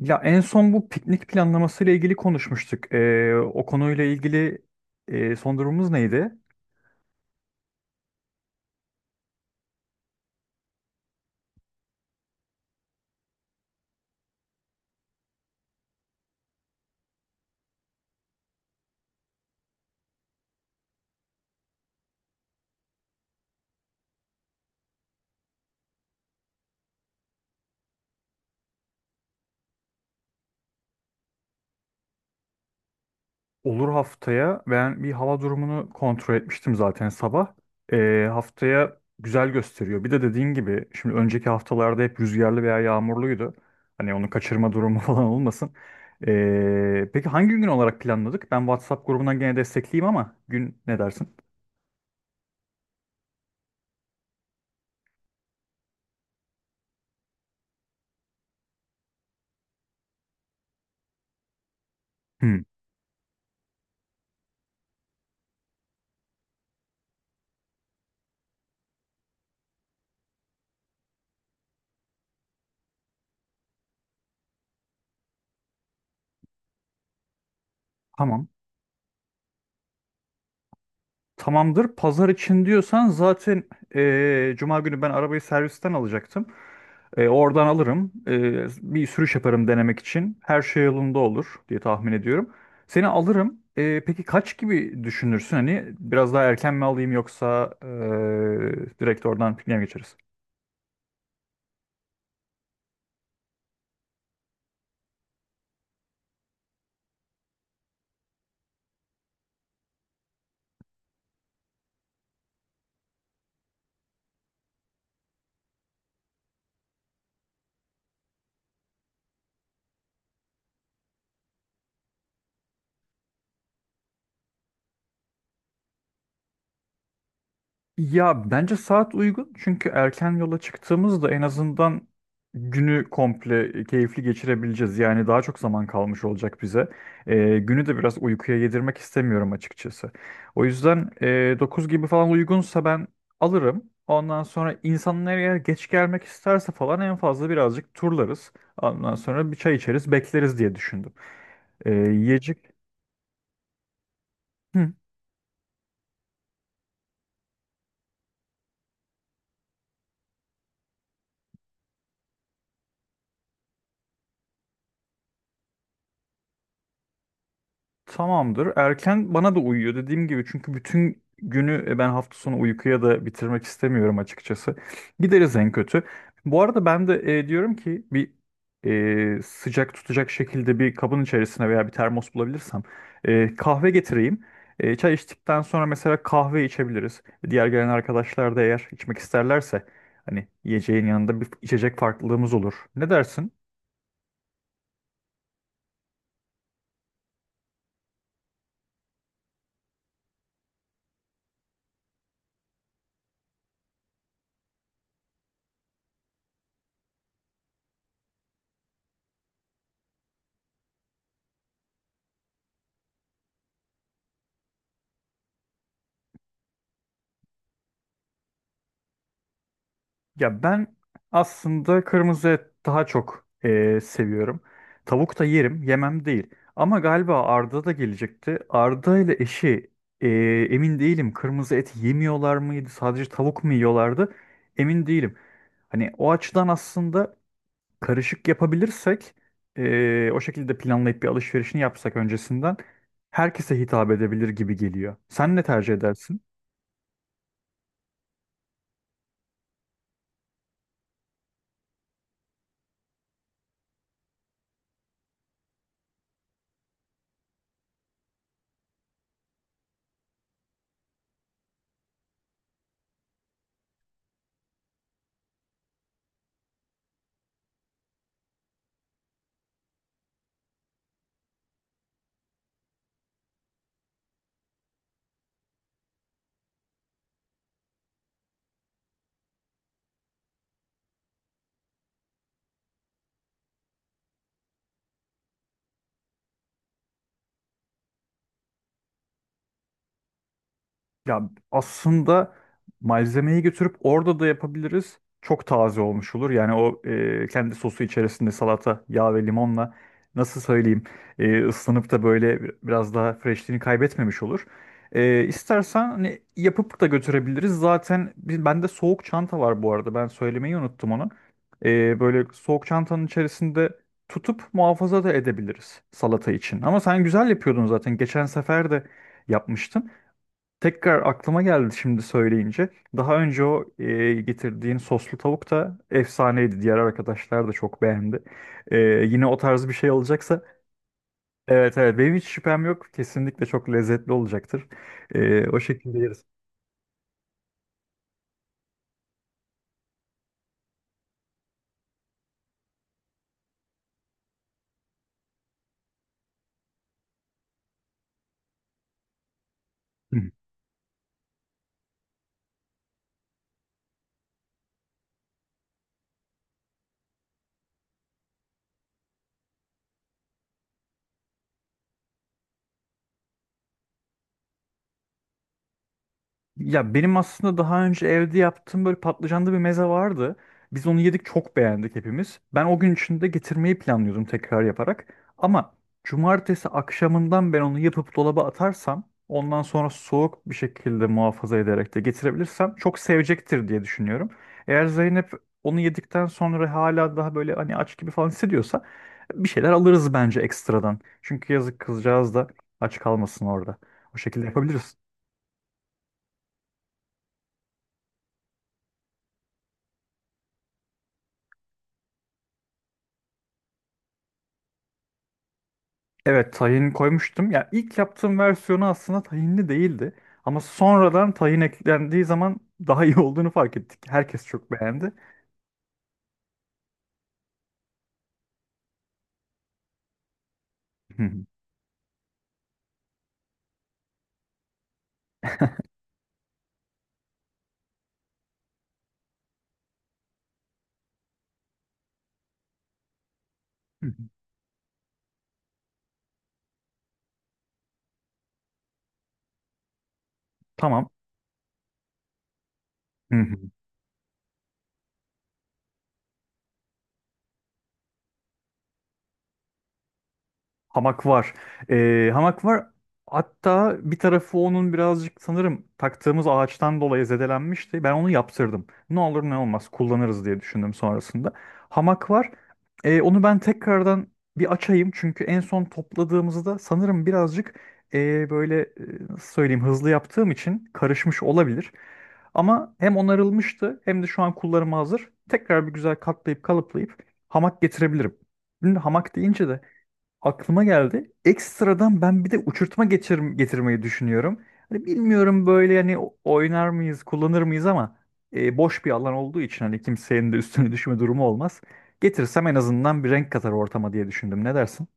Ya en son bu piknik planlaması ile ilgili konuşmuştuk. O konuyla ilgili son durumumuz neydi? Olur, haftaya ben bir hava durumunu kontrol etmiştim zaten sabah. Haftaya güzel gösteriyor. Bir de dediğin gibi şimdi önceki haftalarda hep rüzgarlı veya yağmurluydu. Hani onu kaçırma durumu falan olmasın. Peki hangi gün olarak planladık? Ben WhatsApp grubundan gene destekleyeyim ama gün ne dersin? Hmm, tamam. Tamamdır. Pazar için diyorsan zaten Cuma günü ben arabayı servisten alacaktım. Oradan alırım. Bir sürüş yaparım denemek için. Her şey yolunda olur diye tahmin ediyorum. Seni alırım. Peki kaç gibi düşünürsün? Hani biraz daha erken mi alayım yoksa direkt oradan pikniğe mi geçeriz? Ya bence saat uygun, çünkü erken yola çıktığımızda en azından günü komple keyifli geçirebileceğiz. Yani daha çok zaman kalmış olacak bize. Günü de biraz uykuya yedirmek istemiyorum açıkçası. O yüzden 9 gibi falan uygunsa ben alırım. Ondan sonra insanlar eğer geç gelmek isterse falan en fazla birazcık turlarız. Ondan sonra bir çay içeriz, bekleriz diye düşündüm. Yiyecek. Tamamdır. Erken bana da uyuyor, dediğim gibi, çünkü bütün günü ben hafta sonu uykuya da bitirmek istemiyorum açıkçası. Gideriz en kötü. Bu arada ben de diyorum ki bir sıcak tutacak şekilde bir kabın içerisine veya bir termos bulabilirsem kahve getireyim. Çay içtikten sonra mesela kahve içebiliriz. Diğer gelen arkadaşlar da eğer içmek isterlerse hani yiyeceğin yanında bir içecek farklılığımız olur. Ne dersin? Ya ben aslında kırmızı et daha çok seviyorum. Tavuk da yerim, yemem değil. Ama galiba Arda da gelecekti. Arda ile eşi emin değilim. Kırmızı et yemiyorlar mıydı? Sadece tavuk mu yiyorlardı? Emin değilim. Hani o açıdan aslında karışık yapabilirsek o şekilde planlayıp bir alışverişini yapsak öncesinden, herkese hitap edebilir gibi geliyor. Sen ne tercih edersin? Ya aslında malzemeyi götürüp orada da yapabiliriz. Çok taze olmuş olur. Yani o kendi sosu içerisinde salata, yağ ve limonla, nasıl söyleyeyim, ıslanıp da böyle biraz daha freshliğini kaybetmemiş olur. İstersen hani yapıp da götürebiliriz. Zaten biz, bende soğuk çanta var bu arada. Ben söylemeyi unuttum onu. Böyle soğuk çantanın içerisinde tutup muhafaza da edebiliriz salata için. Ama sen güzel yapıyordun zaten. Geçen sefer de yapmıştın. Tekrar aklıma geldi şimdi söyleyince. Daha önce o getirdiğin soslu tavuk da efsaneydi. Diğer arkadaşlar da çok beğendi. Yine o tarz bir şey olacaksa, evet evet, benim hiç şüphem yok. Kesinlikle çok lezzetli olacaktır. O şekilde yeriz. Hı. Ya benim aslında daha önce evde yaptığım böyle patlıcanlı bir meze vardı. Biz onu yedik, çok beğendik hepimiz. Ben o gün içinde getirmeyi planlıyordum tekrar yaparak. Ama cumartesi akşamından ben onu yapıp dolaba atarsam, ondan sonra soğuk bir şekilde muhafaza ederek de getirebilirsem çok sevecektir diye düşünüyorum. Eğer Zeynep onu yedikten sonra hala daha böyle hani aç gibi falan hissediyorsa, bir şeyler alırız bence ekstradan. Çünkü yazık, kızcağız da aç kalmasın orada. O şekilde yapabiliriz. Evet, tahin koymuştum. Ya ilk yaptığım versiyonu aslında tahinli değildi. Ama sonradan tahin eklendiği zaman daha iyi olduğunu fark ettik. Herkes çok beğendi. Hı hı. Hı hı. Tamam. Hamak var. Hamak var. Hatta bir tarafı onun birazcık sanırım taktığımız ağaçtan dolayı zedelenmişti. Ben onu yaptırdım. Ne olur ne olmaz kullanırız diye düşündüm sonrasında. Hamak var. Onu ben tekrardan bir açayım. Çünkü en son topladığımızda sanırım birazcık böyle nasıl söyleyeyim, hızlı yaptığım için karışmış olabilir. Ama hem onarılmıştı hem de şu an kullanıma hazır. Tekrar bir güzel katlayıp kalıplayıp hamak getirebilirim. Şimdi hamak deyince de aklıma geldi. Ekstradan ben bir de uçurtma geçir getirmeyi düşünüyorum. Hani bilmiyorum, böyle hani oynar mıyız, kullanır mıyız, ama boş bir alan olduğu için hani kimsenin de üstüne düşme durumu olmaz. Getirsem en azından bir renk katar ortama diye düşündüm. Ne dersin?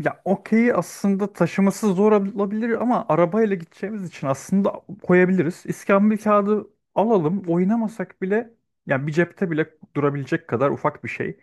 Ya okey aslında taşıması zor olabilir, ama arabayla gideceğimiz için aslında koyabiliriz. İskambil kağıdı alalım. Oynamasak bile, yani bir cepte bile durabilecek kadar ufak bir şey.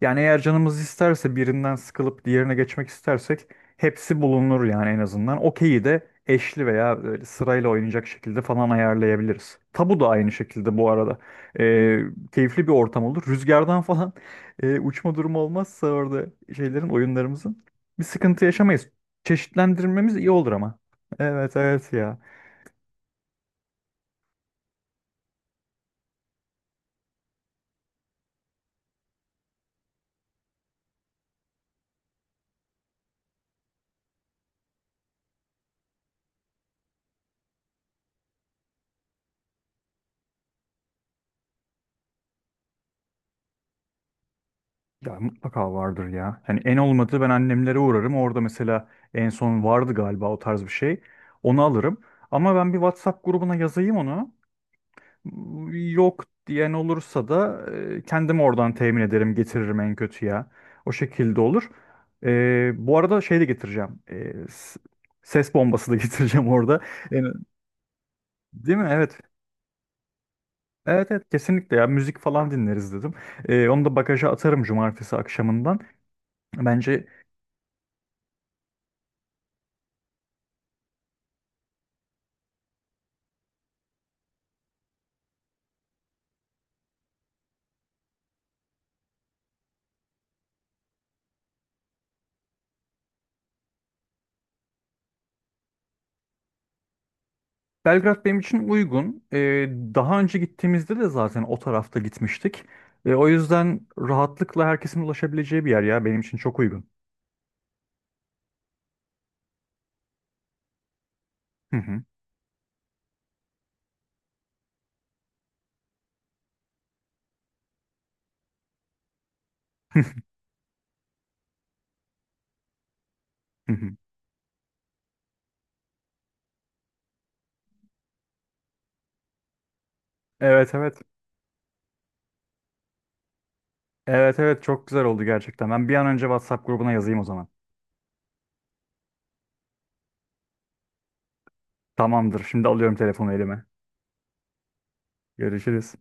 Yani eğer canımız isterse birinden sıkılıp diğerine geçmek istersek hepsi bulunur yani en azından. Okeyi de eşli veya böyle sırayla oynayacak şekilde falan ayarlayabiliriz. Tabu da aynı şekilde bu arada. Ee, Keyifli bir ortam olur. Rüzgardan falan uçma durumu olmazsa orada şeylerin, oyunlarımızın. Bir sıkıntı yaşamayız. Çeşitlendirmemiz iyi olur ama. Evet evet ya. Ya mutlaka vardır ya. Yani en olmadı ben annemlere uğrarım. Orada mesela en son vardı galiba o tarz bir şey. Onu alırım. Ama ben bir WhatsApp grubuna yazayım onu. Yok diyen olursa da kendim oradan temin ederim, getiririm en kötü ya. O şekilde olur. Bu arada şey de getireceğim. Ses bombası da getireceğim orada. Yani, değil mi? Evet. Evet evet, kesinlikle ya, müzik falan dinleriz dedim. Onu da bagaja atarım cumartesi akşamından. Bence Belgrad benim için uygun. Daha önce gittiğimizde de zaten o tarafta gitmiştik. O yüzden rahatlıkla herkesin ulaşabileceği bir yer, ya benim için çok uygun. Hı hı. Hı hı. Evet evet. Evet evet, çok güzel oldu gerçekten. Ben bir an önce WhatsApp grubuna yazayım o zaman. Tamamdır. Şimdi alıyorum telefonu elime. Görüşürüz.